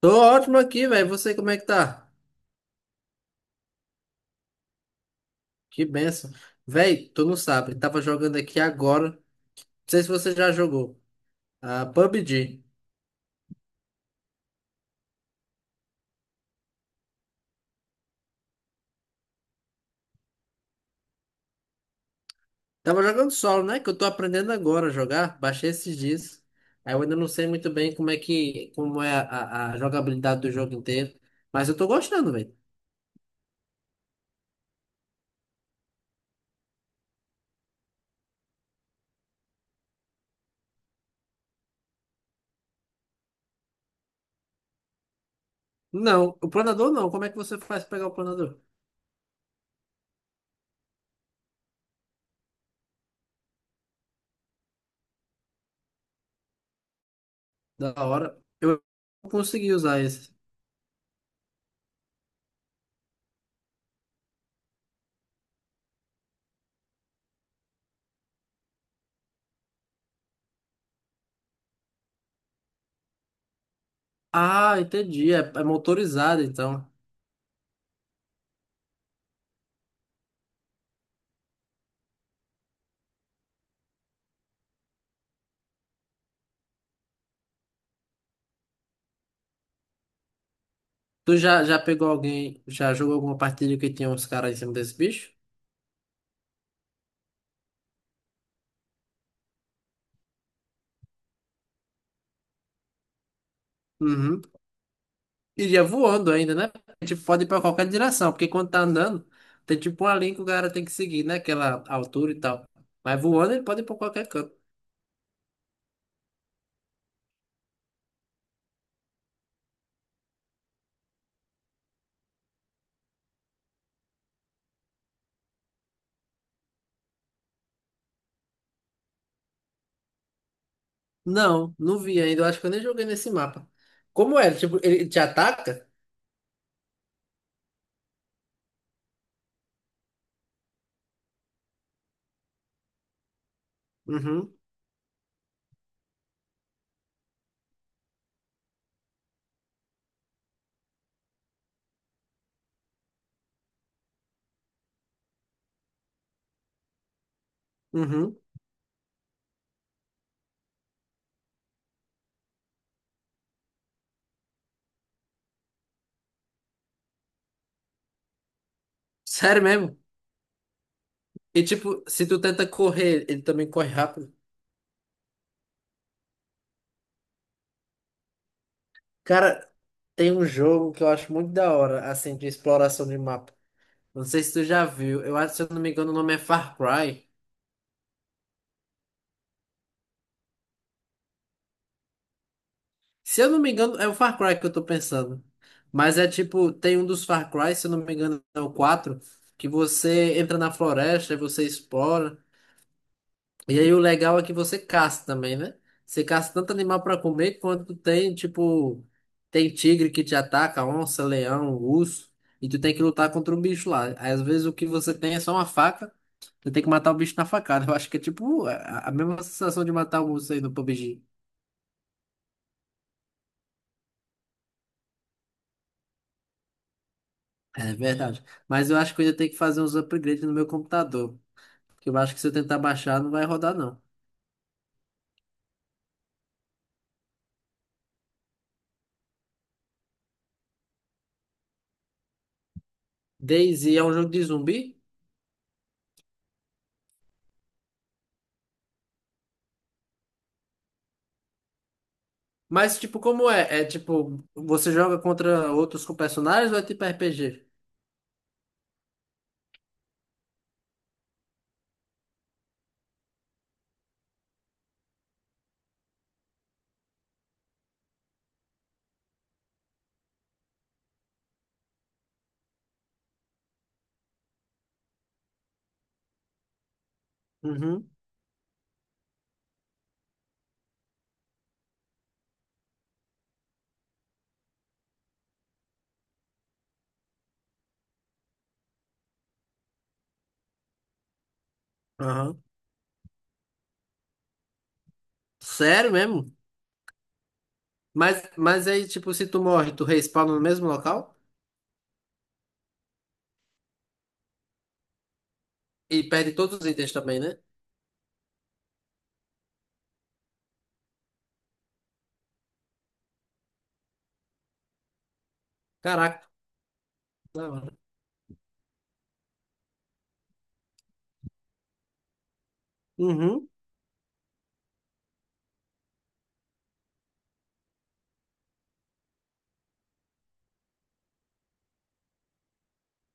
Tô ótimo aqui, velho. Você como é que tá? Que benção. Velho, tu não sabe. Tava jogando aqui agora. Não sei se você já jogou. A PUBG. Tava jogando solo, né? Que eu tô aprendendo agora a jogar. Baixei esses dias. Aí eu ainda não sei muito bem como é a jogabilidade do jogo inteiro. Mas eu tô gostando, velho. Não, o planador não. Como é que você faz pra pegar o planador? Da hora. Eu consegui usar esse. Ah, entendi. É motorizado, então. Tu já pegou alguém, já jogou alguma partida que tinha uns caras em cima desse bicho? Uhum. Iria voando ainda, né? Tipo, pode ir pra qualquer direção, porque quando tá andando, tem tipo uma linha que o cara tem que seguir, né? Aquela altura e tal. Mas voando ele pode ir pra qualquer canto. Não, não vi ainda. Eu acho que eu nem joguei nesse mapa. Como é? Tipo, ele te ataca? Uhum, uhum. Sério mesmo? E tipo, se tu tenta correr, ele também corre rápido. Cara, tem um jogo que eu acho muito da hora, assim, de exploração de mapa. Não sei se tu já viu. Eu acho, se eu não me engano, o nome é Far Cry. Se eu não me engano, é o Far Cry que eu tô pensando. Mas é tipo, tem um dos Far Cry, se eu não me engano, é o 4 que você entra na floresta e você explora. E aí o legal é que você caça também, né? Você caça tanto animal para comer quanto tem, tipo, tem tigre que te ataca, onça, leão, urso, e tu tem que lutar contra um bicho lá. Às vezes o que você tem é só uma faca, tu tem que matar o bicho na facada. Eu acho que é tipo a mesma sensação de matar um urso aí no PUBG. É verdade. Mas eu acho que eu ainda tenho que fazer uns upgrades no meu computador, que eu acho que se eu tentar baixar não vai rodar não. DayZ é um jogo de zumbi? Mas, tipo, como é? É tipo, você joga contra outros com personagens ou é tipo RPG? Uhum. Aham. Sério mesmo? Mas aí, tipo, se tu morre, tu respawna no mesmo local e perde todos os itens também, né? Caraca, da hora. Uhum.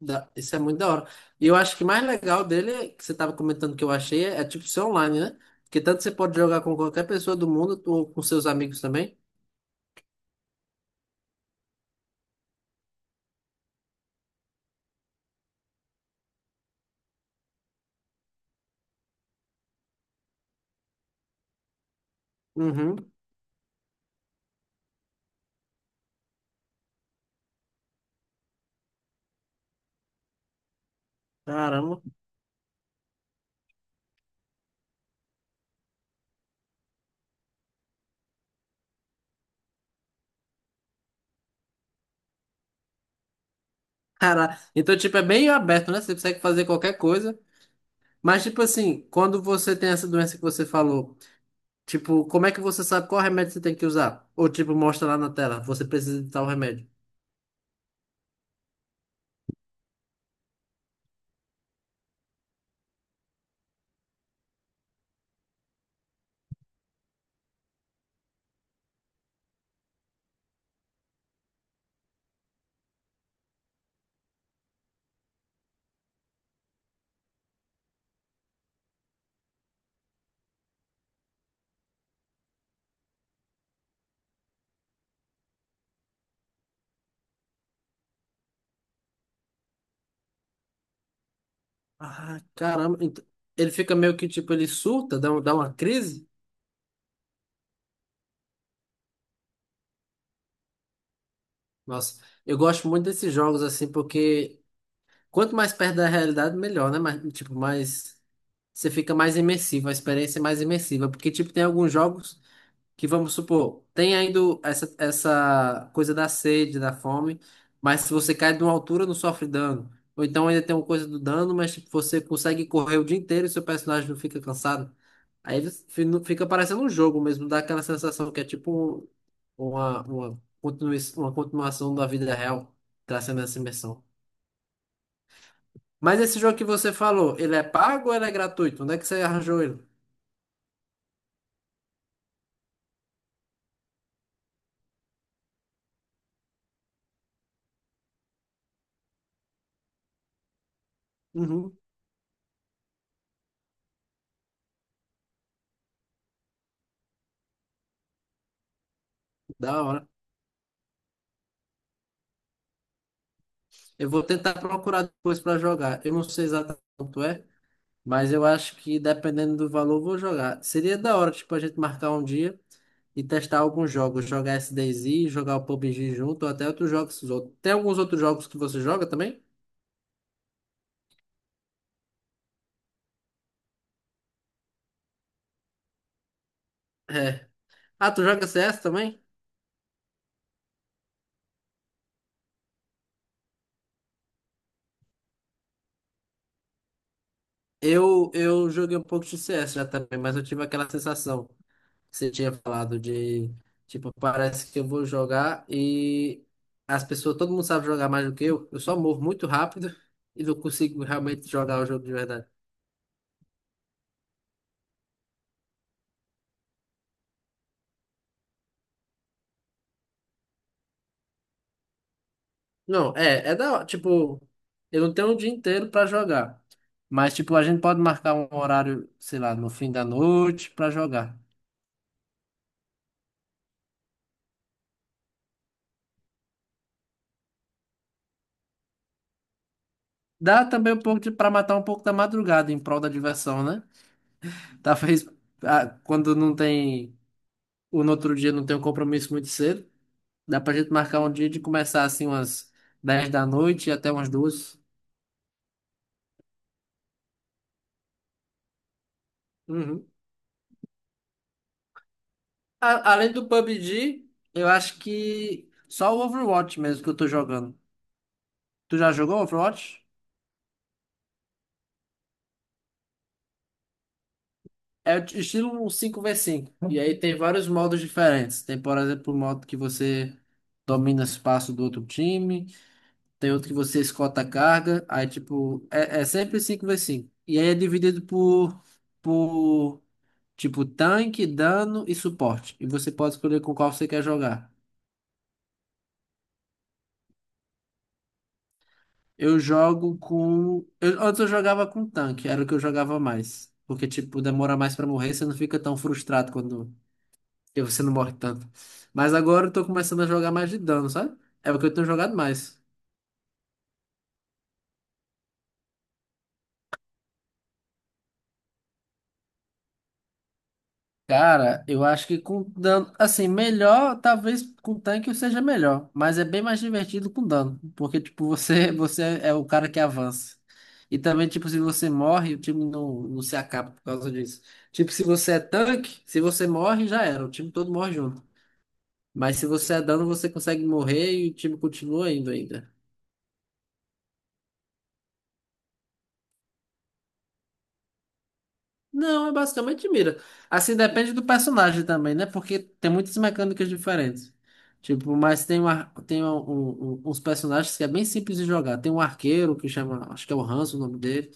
Isso é muito da hora. E eu acho que o mais legal dele, que você tava comentando que eu achei, tipo ser online, né? Porque tanto você pode jogar com qualquer pessoa do mundo ou com seus amigos também. Uhum. Caramba. Cara, então, tipo, é bem aberto, né? Você consegue fazer qualquer coisa. Mas, tipo assim, quando você tem essa doença que você falou, tipo, como é que você sabe qual remédio você tem que usar? Ou, tipo, mostra lá na tela, você precisa de tal remédio. Ah, caramba. Ele fica meio que, tipo, ele surta, dá uma crise. Nossa, eu gosto muito desses jogos, assim, porque quanto mais perto da realidade, melhor, né? Mas, tipo, mais. Você fica mais imersivo, a experiência é mais imersiva. Porque, tipo, tem alguns jogos. Que vamos supor, tem ainda essa coisa da sede, da fome, mas se você cai de uma altura, não sofre dano. Ou então ainda tem uma coisa do dano, mas tipo, você consegue correr o dia inteiro e seu personagem não fica cansado. Aí você fi- não- Fica parecendo um jogo mesmo, dá aquela sensação que é tipo uma continuação da vida real, trazendo essa imersão. Mas esse jogo que você falou, ele é pago ou ele é gratuito? Onde é que você arranjou ele? Uhum, da hora. Eu vou tentar procurar depois para jogar. Eu não sei exatamente quanto é, mas eu acho que dependendo do valor, eu vou jogar. Seria da hora, tipo, a gente marcar um dia e testar alguns jogos. Jogar SDZ, jogar o PUBG junto, ou até outros jogos. Tem alguns outros jogos que você joga também? É. Ah, tu joga CS também? Eu joguei um pouco de CS já também, mas eu tive aquela sensação que você tinha falado de, tipo, parece que eu vou jogar e as pessoas, todo mundo sabe jogar mais do que eu. Eu só morro muito rápido e não consigo realmente jogar o jogo de verdade. Não, tipo, eu não tenho o dia inteiro pra jogar. Mas, tipo, a gente pode marcar um horário, sei lá, no fim da noite pra jogar. Dá também um pouco de, pra matar um pouco da madrugada em prol da diversão, né? Talvez quando não tem, o no outro dia não tem um compromisso muito cedo, dá pra gente marcar um dia de começar assim umas 10 da noite e até umas 2. Uhum. Além do PUBG, eu acho que só o Overwatch mesmo que eu tô jogando. Tu já jogou Overwatch? É o estilo 5v5. E aí tem vários modos diferentes. Tem, por exemplo, o modo que você domina espaço do outro time. Tem outro que você escolta a carga. Aí, tipo, é sempre 5v5. E aí é dividido por, tipo, tanque, dano e suporte. E você pode escolher com qual você quer jogar. Eu jogo com... antes eu jogava com tanque. Era o que eu jogava mais. Porque, tipo, demora mais pra morrer. Você não fica tão frustrado quando. Porque você não morre tanto. Mas agora eu tô começando a jogar mais de dano, sabe? É o que eu tenho jogado mais. Cara, eu acho que com dano. Assim, melhor, talvez com tanque eu seja melhor. Mas é bem mais divertido com dano. Porque, tipo, você, você é o cara que avança. E também, tipo, se você morre, o time não se acaba por causa disso. Tipo, se você é tanque, se você morre, já era. O time todo morre junto. Mas se você é dano, você consegue morrer e o time continua indo ainda. Não, é basicamente mira. Assim depende do personagem também, né? Porque tem muitas mecânicas diferentes. Tipo, mas tem, uns personagens que é bem simples de jogar. Tem um arqueiro que chama, acho que é o Hanzo o nome dele.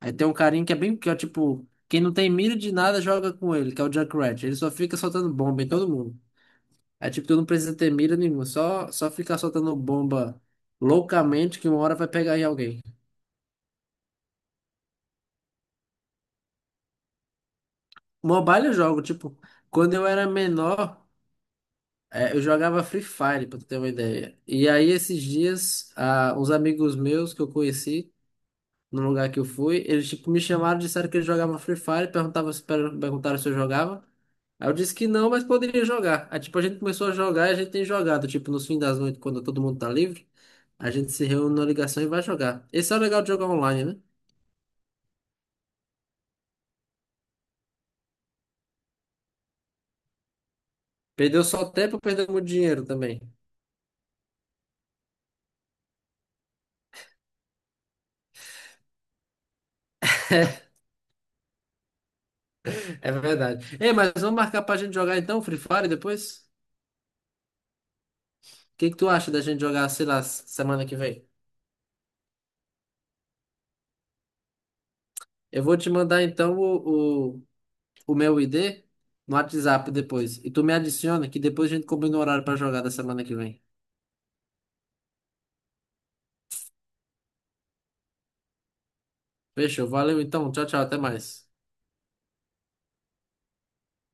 Aí tem um carinha que é bem, que é tipo, quem não tem mira de nada joga com ele, que é o Junkrat. Ele só fica soltando bomba em todo mundo. Aí tipo, tu não precisa ter mira nenhuma, só ficar soltando bomba loucamente que uma hora vai pegar em alguém. Mobile eu jogo, tipo, quando eu era menor. É, eu jogava Free Fire, pra tu ter uma ideia. E aí, esses dias, uns amigos meus que eu conheci, no lugar que eu fui, eles tipo, me chamaram, disseram que eles jogavam Free Fire, perguntavam se, per- perguntaram se eu jogava. Aí eu disse que não, mas poderia jogar. Aí, tipo, a gente começou a jogar e a gente tem jogado. Tipo, nos fins das noites, quando todo mundo tá livre, a gente se reúne na ligação e vai jogar. Esse é o legal de jogar online, né? Perdeu só tempo, perdeu muito dinheiro também. É verdade. Ei, mas vamos marcar pra gente jogar então, Free Fire depois? O que que tu acha da gente jogar, sei lá, semana que vem? Eu vou te mandar então o meu ID no WhatsApp depois. E tu me adiciona que depois a gente combina o horário pra jogar da semana que vem. Fechou, valeu então, tchau, tchau, até mais.